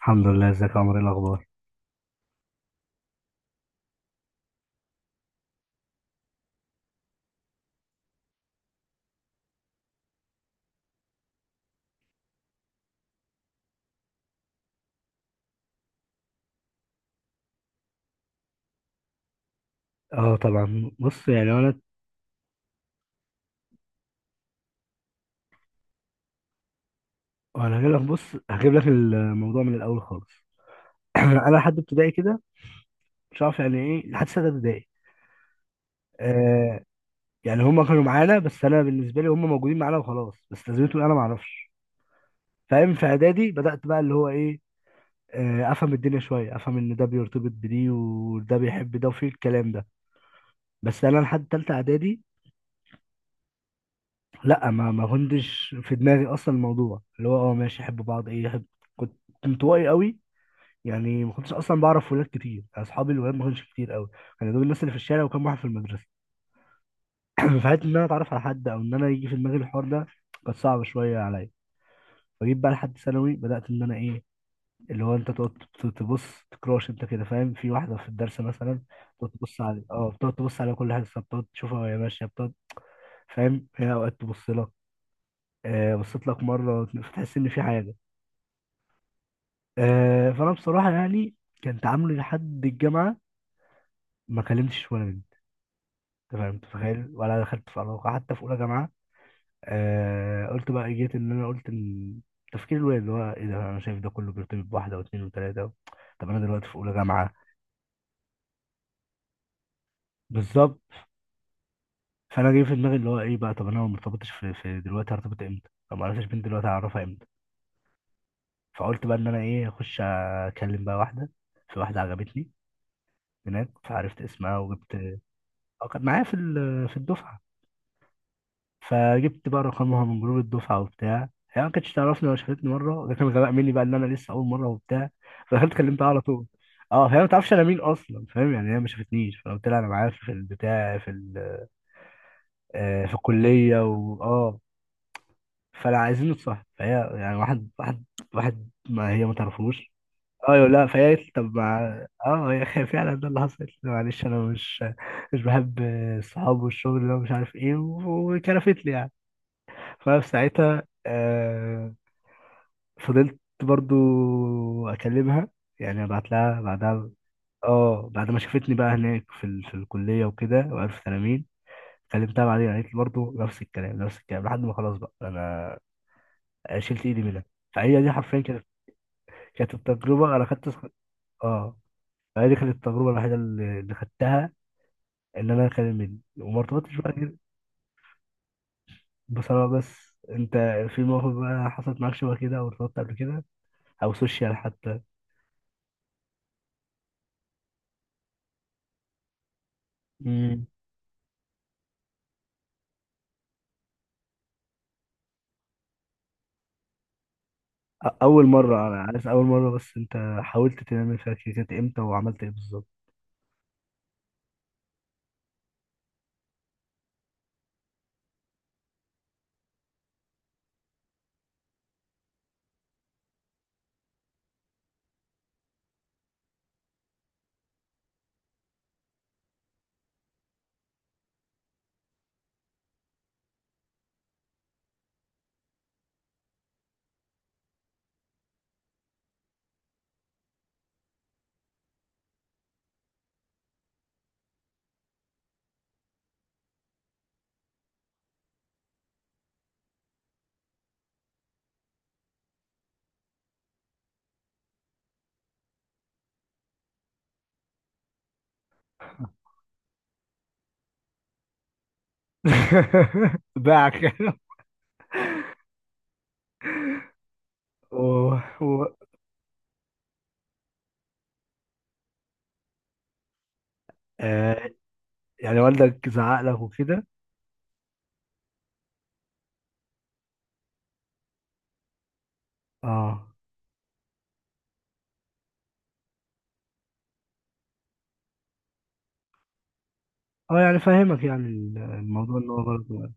الحمد لله، ازيك يا عمر؟ ايه الاخبار؟ اه طبعا، بص يعني انا هجيب لك، بص هجيب لك الموضوع من الاول خالص. انا لحد ابتدائي كده مش عارف يعني، ايه لحد سنه ابتدائي. آه يعني هم كانوا معانا، بس انا بالنسبه لي هم موجودين معانا وخلاص، بس لازمتهم انا ما اعرفش. فاهم؟ في اعدادي بدات بقى اللي هو ايه، افهم الدنيا شويه، افهم ان ده بيرتبط بدي وده بيحب ده وفي الكلام ده. بس انا لحد تالته اعدادي لا، ما كنتش في دماغي اصلا الموضوع اللي هو اه ماشي يحب بعض ايه يحب. كنت انطوائي قوي، يعني ما كنتش اصلا بعرف ولاد كتير، اصحابي الولاد ما كانش كتير قوي. كانوا دول الناس اللي في الشارع، وكان واحد في المدرسه. فحته ان انا اتعرف على حد او ان انا يجي في دماغي الحوار ده كانت صعبه شويه عليا. فجيت بقى لحد ثانوي بدات ان انا ايه، اللي هو انت تقعد تبص تكراش انت كده، فاهم؟ في واحده في الدرس مثلا تقعد تبص على اه، بتقعد تبص على كل حاجه، بتقعد تشوفها وهي ماشيه بتقعد. فاهم؟ هي اوقات تبص لك. بصيت لك مره فتحس ان في حاجه. فانا بصراحه يعني كان تعاملي لحد الجامعه ما كلمتش ولا بنت. تمام؟ انت متخيل؟ ولا دخلت في علاقة حتى في أولى جامعة. قلت بقى إيه، جيت إن أنا قلت إن تفكير الواد اللي هو إيه ده، أنا شايف ده كله بيرتبط بواحدة واتنين وتلاتة. طب أنا دلوقتي في أولى جامعة. بالظبط. فأنا جاي في دماغي اللي هو إيه بقى، طب أنا لو مرتبطش في دلوقتي هرتبط إمتى؟ لو معرفتش بنت دلوقتي هعرفها إمتى؟ فقلت بقى إن أنا إيه، أخش أكلم بقى واحدة. في واحدة عجبتني هناك، فعرفت اسمها وجبت. أه، كانت معايا في الدفعة. فجبت بقى رقمها من جروب الدفعه وبتاع، هي ما كانتش تعرفني ولا شافتني مره، ده كان غباء مني بقى ان انا لسه اول مره وبتاع. فدخلت كلمتها على طول. اه هي ما تعرفش انا مين اصلا، فاهم؟ يعني هي ما شافتنيش. فقلت لها انا معايا في البتاع في الكليه واه. فانا عايزين نتصاحب، فهي يعني واحد واحد، ما هي ما تعرفوش. ايوه، لا فهي قالت لي طب ما اه، هي فعلا ده اللي حصل. قلت لها معلش انا مش بحب الصحاب والشغل ده ومش عارف ايه، وكرفت لي يعني. فساعتها آه، فضلت برضو اكلمها، يعني ابعت لها بعدها. اه بعد ما شافتني بقى هناك في الكليه وكده وعرفت انا مين، كلمتها بعدين قالت لي برضه نفس الكلام نفس الكلام لحد ما خلاص بقى انا شلت ايدي منها. فهي دي حرفيا كانت، كانت التجربه انا خدت. اه. فهي دي كانت التجربه الوحيده اللي خدتها، ان انا اكلم مني، وما ارتبطتش بقى غير. بصراحه. بس انت في موقف بقى حصلت معاك شبه كده؟ او ارتبطت قبل كده او سوشيال حتى؟ مم. اول مره انا عارف اول مره، بس انت حاولت تعمل فيها كيكات امتى وعملت ايه بالظبط؟ باعك. و... و... آه. يعني والدك زعق لك وكده؟ اه. اه يعني فاهمك، يعني الموضوع ان هو غلط.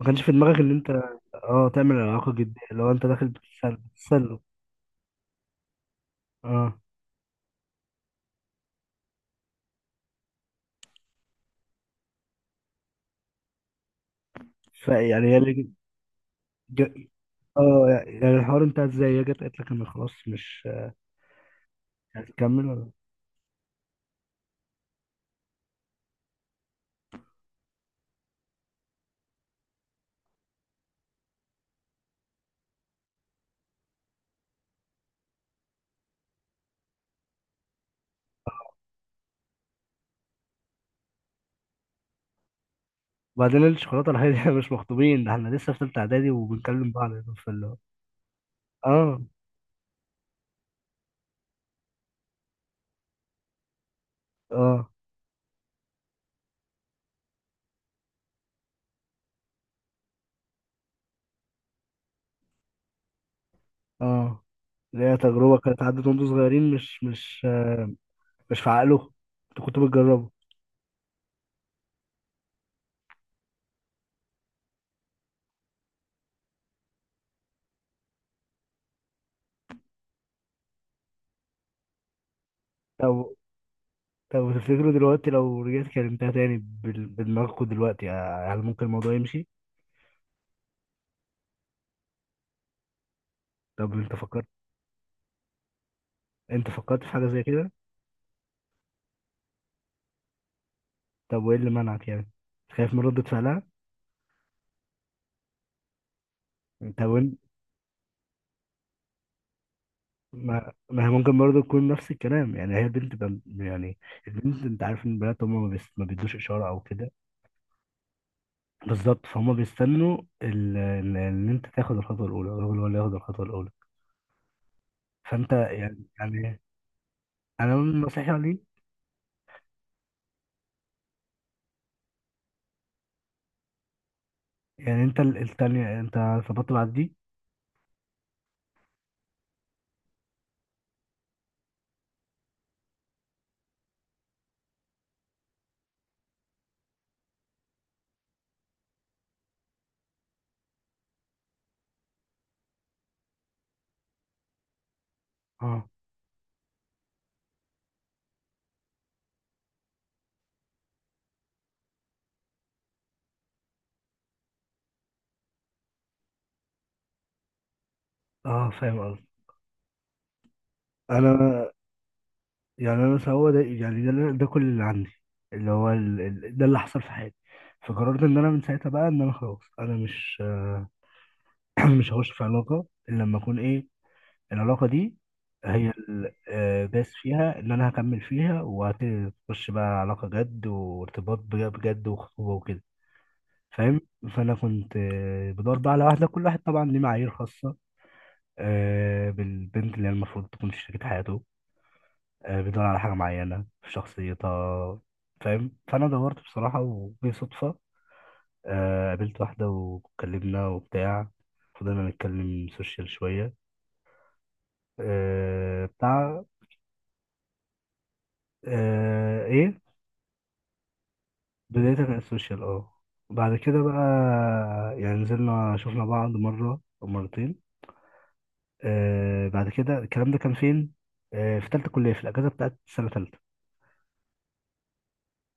ما كانش في دماغك ان انت، اه، تعمل علاقه جديه، لو انت داخل بتتسلى بتتسلى. اه. فيعني هي اللي ج... اه يعني الحوار انتهى ازاي؟ هي جت قالت لك انا خلاص مش هتكمل ولا؟ وبعدين الشوكولاته الحقيقيه، احنا مش مخطوبين، ده احنا لسه في ثالثه اعدادي وبنكلم بعض يعني، في اللي، اه. اه. اه اللي هي تجربه كانت عدت وانتوا صغيرين، مش في عقله، انتوا كنتوا بتجربوا. طب طب تفتكروا دلوقتي لو رجعت كلمتها تاني، بدماغكوا دلوقتي هل ممكن الموضوع يمشي؟ طب انت فكرت، انت فكرت في حاجه زي كده؟ طب وايه اللي منعك يعني؟ خايف من ردة فعلها؟ طب، ما هي ممكن برضه تكون نفس الكلام، يعني هي بنت بم... يعني البنت انت عارف ان البنات هم ما، بيس... ما بيدوش اشاره او كده. بالظبط. فهم بيستنوا ال... ان إن انت تاخد الخطوه الاولى، الراجل هو اللي ياخد الخطوه الاولى. فانت يعني انا من نصيحتي عليه. يعني انت التانية انت ظبطت بعد دي؟ اه. اه فاهم قصدي. انا يعني انا بس هو ده، يعني اللي، ده كل اللي عندي، اللي هو ده اللي حصل في حياتي. فقررت ان انا من ساعتها بقى ان انا خلاص، انا مش مش هخش في علاقة إلا لما أكون إيه، العلاقة دي هي آه، داس فيها إن أنا هكمل فيها، وهتخش بقى علاقة جد وارتباط بجد وخطوبة وكده. فاهم؟ فأنا كنت آه، بدور بقى على واحدة. كل واحد طبعا ليه معايير خاصة آه، بالبنت اللي هي المفروض تكون في شريكة حياته، آه، بيدور على حاجة معينة في شخصيتها. فاهم؟ فأنا دورت بصراحة، وبصدفة آه، قابلت واحدة واتكلمنا وبتاع، فضلنا نتكلم سوشيال شوية آه بتاع. آه ايه، بداية من السوشيال، اه، بعد كده بقى يعني نزلنا شفنا بعض مرة أو مرتين. آه بعد كده الكلام ده كان فين؟ آه في تالتة كلية، في الأجازة بتاعت سنة تالتة،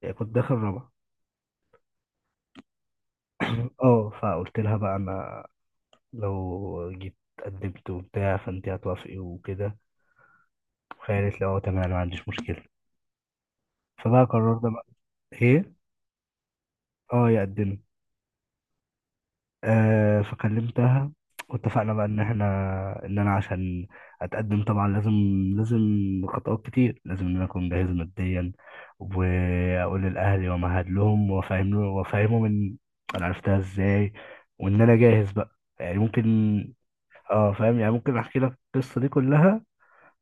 يعني كنت داخل رابعة. اه. فقلت لها بقى أنا لو جيت قدمت وبتاع، فأنت هتوافقي وكده؟ فهي قالت لي اه تمام، أنا ما عنديش مشكلة. فبقى قررنا بقى، ايه، اه يقدم. آه فكلمتها واتفقنا بقى ان احنا، ان انا عشان اتقدم طبعا لازم خطوات كتير، لازم ان انا اكون جاهز ماديا، واقول لاهلي ومهد لهم وافهم له وافهمهم ان انا عرفتها ازاي، وان انا جاهز بقى، يعني ممكن. اه فاهم؟ يعني ممكن احكي لك القصه دي كلها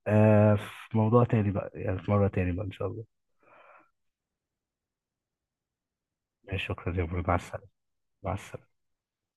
آه في موضوع تاني بقى، يعني في مره تاني بقى ان شاء الله. ماشي، شكرا يا برو، مع السلامه. مع السلامه.